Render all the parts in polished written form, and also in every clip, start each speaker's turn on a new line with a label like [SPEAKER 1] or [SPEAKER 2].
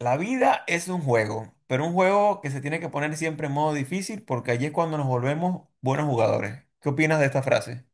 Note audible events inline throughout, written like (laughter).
[SPEAKER 1] La vida es un juego, pero un juego que se tiene que poner siempre en modo difícil porque allí es cuando nos volvemos buenos jugadores. ¿Qué opinas de esta frase?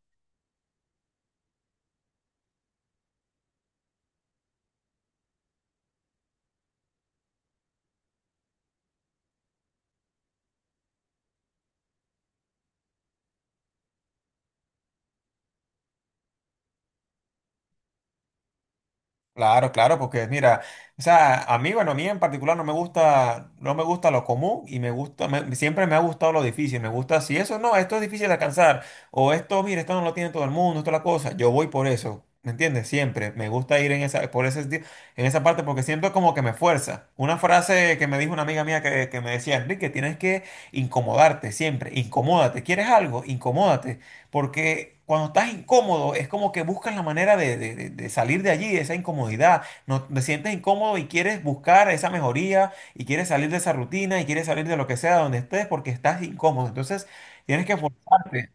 [SPEAKER 1] Claro, claro, porque mira, o sea, a mí, bueno, a mí en particular no me gusta, no me gusta lo común y me gusta, siempre me ha gustado lo difícil, me gusta, si eso no, esto es difícil de alcanzar, o esto, mira, esto no lo tiene todo el mundo, esto es la cosa, yo voy por eso, ¿me entiendes? Siempre, me gusta ir en esa, por ese, en esa parte porque siento como que me fuerza. Una frase que me dijo una amiga mía que me decía, Enrique, tienes que incomodarte siempre, incomódate, ¿quieres algo? Incomódate. Porque cuando estás incómodo, es como que buscas la manera de, de salir de allí, de esa incomodidad. No, te sientes incómodo y quieres buscar esa mejoría y quieres salir de esa rutina y quieres salir de lo que sea donde estés porque estás incómodo. Entonces, tienes que forzarte.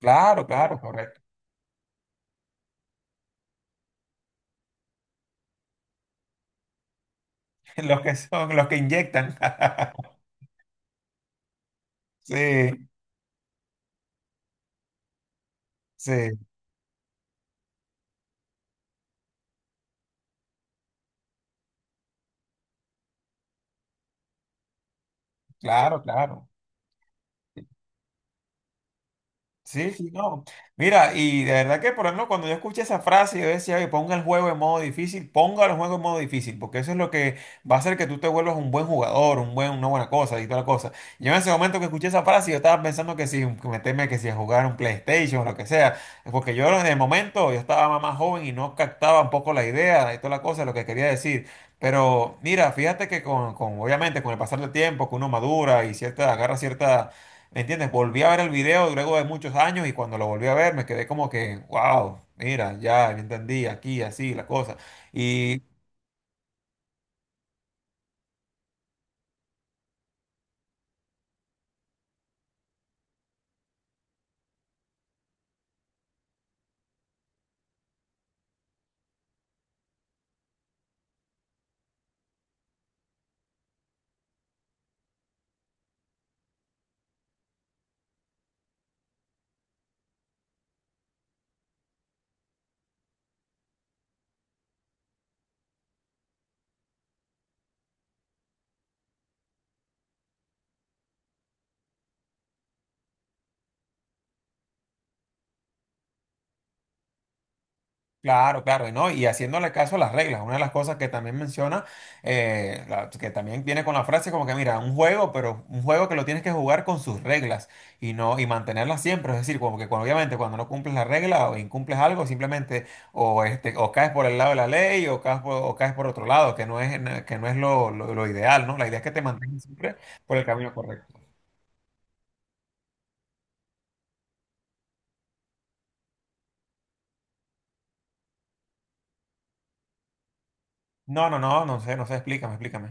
[SPEAKER 1] Claro, claro, correcto. (laughs) Los que son, los que inyectan. (laughs) Sí, sí, claro, claro. Sí, sí, no. Mira, y de verdad que, por ejemplo, cuando yo escuché esa frase, yo decía, oye, ponga el juego en modo difícil, ponga el juego en modo difícil, porque eso es lo que va a hacer que tú te vuelvas un buen jugador, un buen, una buena cosa y toda la cosa. Yo en ese momento que escuché esa frase, yo estaba pensando que si que meterme, que si a jugar un PlayStation o lo que sea, porque yo en el momento, yo estaba más joven y no captaba un poco la idea y toda la cosa, lo que quería decir. Pero mira, fíjate que con obviamente con el pasar del tiempo, que uno madura y cierta, agarra cierta ¿me entiendes? Volví a ver el video luego de muchos años y cuando lo volví a ver me quedé como que, wow, mira, ya entendí aquí, así, la cosa. Y claro, claro, y ¿no? Y haciéndole caso a las reglas, una de las cosas que también menciona, que también viene con la frase como que, mira, un juego, pero un juego que lo tienes que jugar con sus reglas y no, y mantenerlas siempre, es decir, como que cuando- obviamente cuando no cumples la regla o incumples algo, simplemente o, este, o caes por el lado de la ley o caes por otro lado, que no es lo, lo ideal, ¿no? La idea es que te mantengas siempre por el camino correcto. No, no, no, no sé, no sé, explícame, explícame.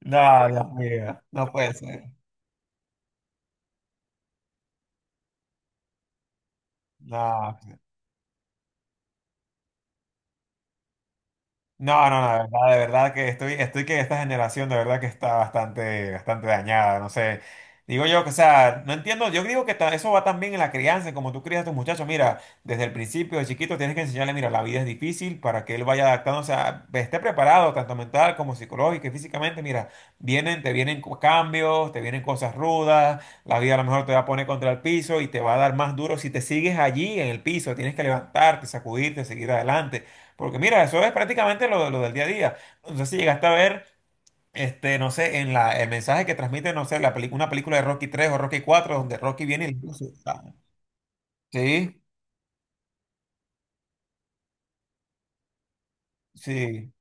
[SPEAKER 1] No, Dios mío, no puede ser. No. No, no, no, de verdad que estoy, estoy que esta generación de verdad que está bastante, bastante dañada, no sé. Digo yo que, o sea, no entiendo, yo digo que eso va también en la crianza, como tú crías a tus muchachos. Mira, desde el principio, de chiquito, tienes que enseñarle, mira, la vida es difícil para que él vaya adaptándose, o esté preparado, tanto mental como psicológico y físicamente. Mira, vienen, te vienen cambios, te vienen cosas rudas, la vida a lo mejor te va a poner contra el piso y te va a dar más duro si te sigues allí en el piso. Tienes que levantarte, sacudirte, seguir adelante. Porque mira, eso es prácticamente lo del día a día. No sé si llegaste a ver, este, no sé, en la, el mensaje que transmite, no sé, una película de Rocky 3 o Rocky 4 donde Rocky viene y le dice, ah, sí, sí,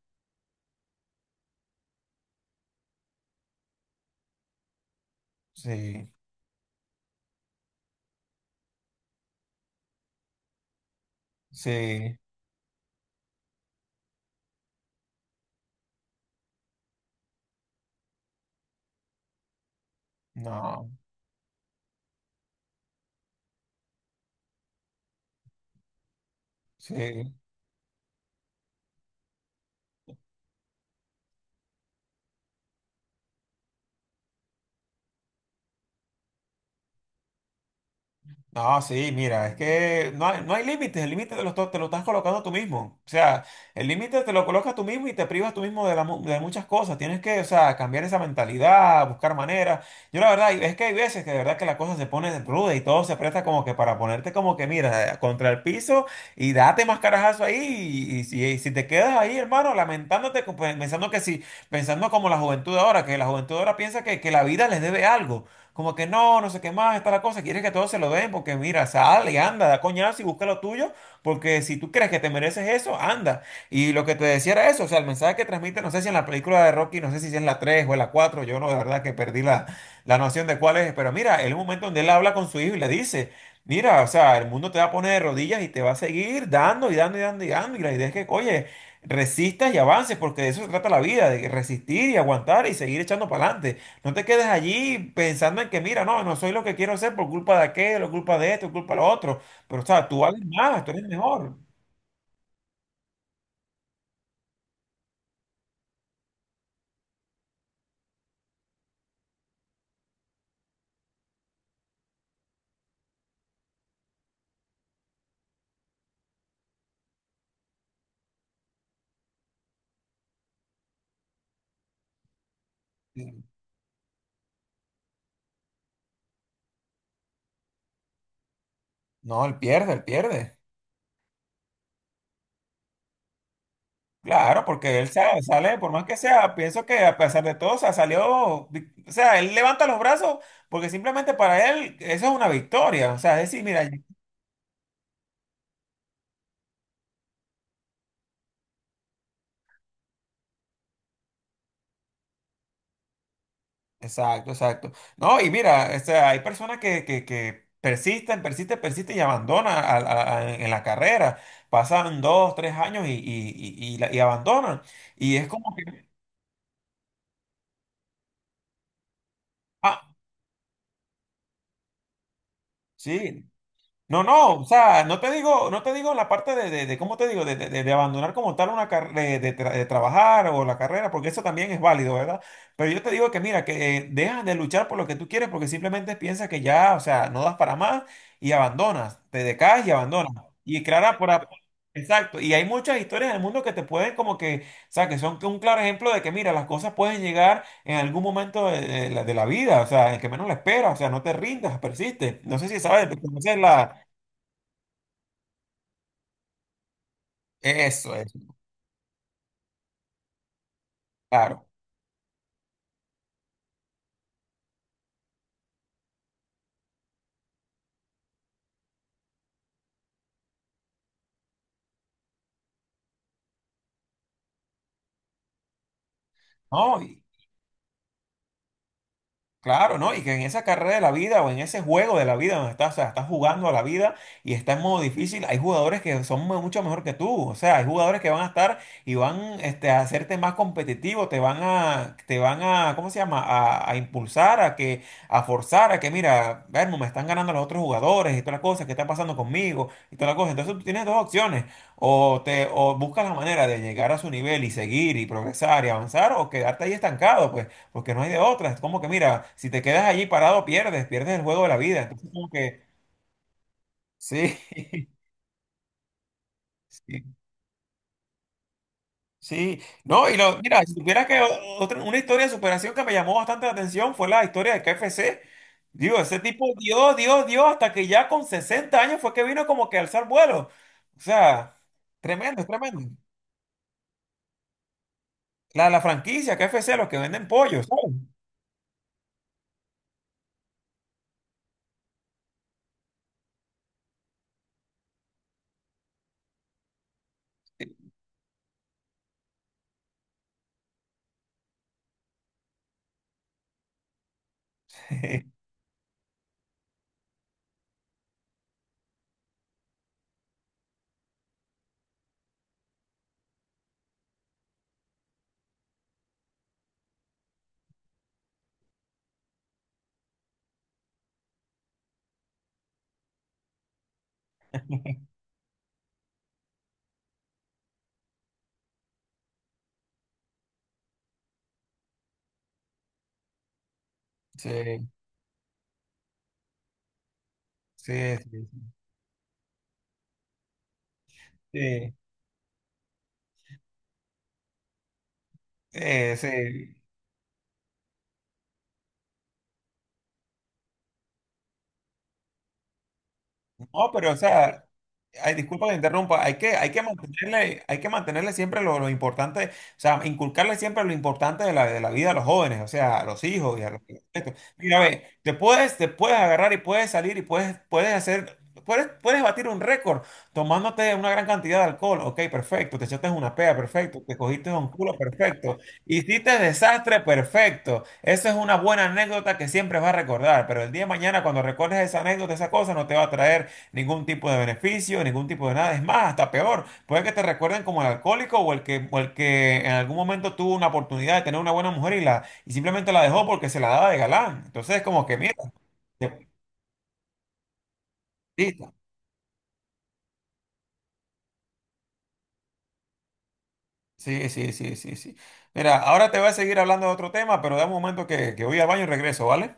[SPEAKER 1] sí, sí, no, sí. No, sí, mira, es que no hay, no hay límites, el límite te lo, te lo estás colocando tú mismo. O sea, el límite te lo colocas tú mismo y te privas tú mismo de, de muchas cosas. Tienes que, o sea, cambiar esa mentalidad, buscar maneras. Yo la verdad, es que hay veces que de verdad que la cosa se pone ruda y todo se presta como que para ponerte como que, mira, contra el piso y date más carajazo ahí. Si y si te quedas ahí, hermano, lamentándote, pensando que si, pensando como la juventud de ahora, que la juventud de ahora piensa que la vida les debe algo como que no, no sé qué más, está la cosa, quieres que todos se lo den, porque mira, sale, anda, da coñazo y busca lo tuyo, porque si tú crees que te mereces eso, anda. Y lo que te decía era eso, o sea, el mensaje que transmite, no sé si en la película de Rocky, no sé si es en la 3 o en la 4 yo no, de verdad que perdí la, la noción de cuál es, pero mira, el momento donde él habla con su hijo y le dice, mira, o sea, el mundo te va a poner de rodillas y te va a seguir dando y dando y dando y dando, y la idea es que, oye, resistas y avances, porque de eso se trata la vida, de resistir y aguantar y seguir echando para adelante. No te quedes allí pensando en que, mira, no, no soy lo que quiero ser por culpa de aquello, culpa de esto, culpa de lo otro. Pero, o sea, tú vales más, tú eres mejor. No, él pierde, él pierde. Claro, porque él sale, sale, por más que sea, pienso que a pesar de todo, o sea, salió, o sea, él levanta los brazos porque simplemente para él eso es una victoria. O sea, es decir, mira, exacto, exacto. No, y mira, o sea, hay personas que persisten, persisten, persisten y abandonan en la carrera. Pasan dos, tres años y, y y abandonan. Y es como que, ah, sí, no, no, o sea, no te digo, no te digo la parte de, ¿cómo te digo? De, de abandonar como tal una carrera, de, de trabajar o la carrera, porque eso también es válido, ¿verdad? Pero yo te digo que mira, que dejas de luchar por lo que tú quieres porque simplemente piensas que ya, o sea, no das para más y abandonas, te decaes y abandonas. Y claro, exacto, y hay muchas historias en el mundo que te pueden como que, o sea, que son un claro ejemplo de que mira, las cosas pueden llegar en algún momento de la vida, o sea, en que menos la esperas, o sea, no te rindas, persiste. No sé si sabes, conoces la... Eso es, claro. ¿No? Claro, ¿no? Y que en esa carrera de la vida o en ese juego de la vida donde estás, o sea, estás jugando a la vida y está en modo difícil, hay jugadores que son mucho mejor que tú. O sea, hay jugadores que van a estar y van este, a hacerte más competitivo, te van a, ¿cómo se llama? A impulsar, a que, a forzar, a que, mira, Vermo, me están ganando los otros jugadores y todas las cosas, ¿qué está pasando conmigo? Y todas las cosas. Entonces tú tienes dos opciones. O te, o buscas la manera de llegar a su nivel y seguir y progresar y avanzar, o quedarte ahí estancado, pues. Porque no hay de otra. Es como que, mira, si te quedas allí parado, pierdes, pierdes el juego de la vida. Entonces, como que, sí, (laughs) sí, sí. No, y lo, mira, si supieras que otra, una historia de superación que me llamó bastante la atención fue la historia de KFC. Digo, ese tipo dio, dio, dio, hasta que ya con 60 años fue que vino como que a alzar vuelo. O sea, tremendo, es tremendo. La franquicia KFC, los que venden pollos, ¿sabes? (laughs) sí, sí, sí, sí, sí, sí. No, pero o sea, ay, disculpa que interrumpa, hay que mantenerle siempre lo importante, o sea, inculcarle siempre lo importante de la vida a los jóvenes, o sea, a los hijos y a los, mira, ve, te puedes agarrar y puedes salir y puedes, puedes hacer, puedes, puedes batir un récord tomándote una gran cantidad de alcohol. Ok, perfecto. Te echaste una pea, perfecto. Te cogiste un culo, perfecto. Hiciste desastre, perfecto. Esa es una buena anécdota que siempre vas a recordar, pero el día de mañana cuando recuerdes esa anécdota, esa cosa, no te va a traer ningún tipo de beneficio, ningún tipo de nada. Es más, hasta peor. Puede que te recuerden como el alcohólico o el que en algún momento tuvo una oportunidad de tener una buena mujer y la y simplemente la dejó porque se la daba de galán. Entonces es como que, mira, te- listo. Sí, sí, sí, sí, sí. Mira, ahora te voy a seguir hablando de otro tema, pero da un momento que voy al baño y regreso, ¿vale?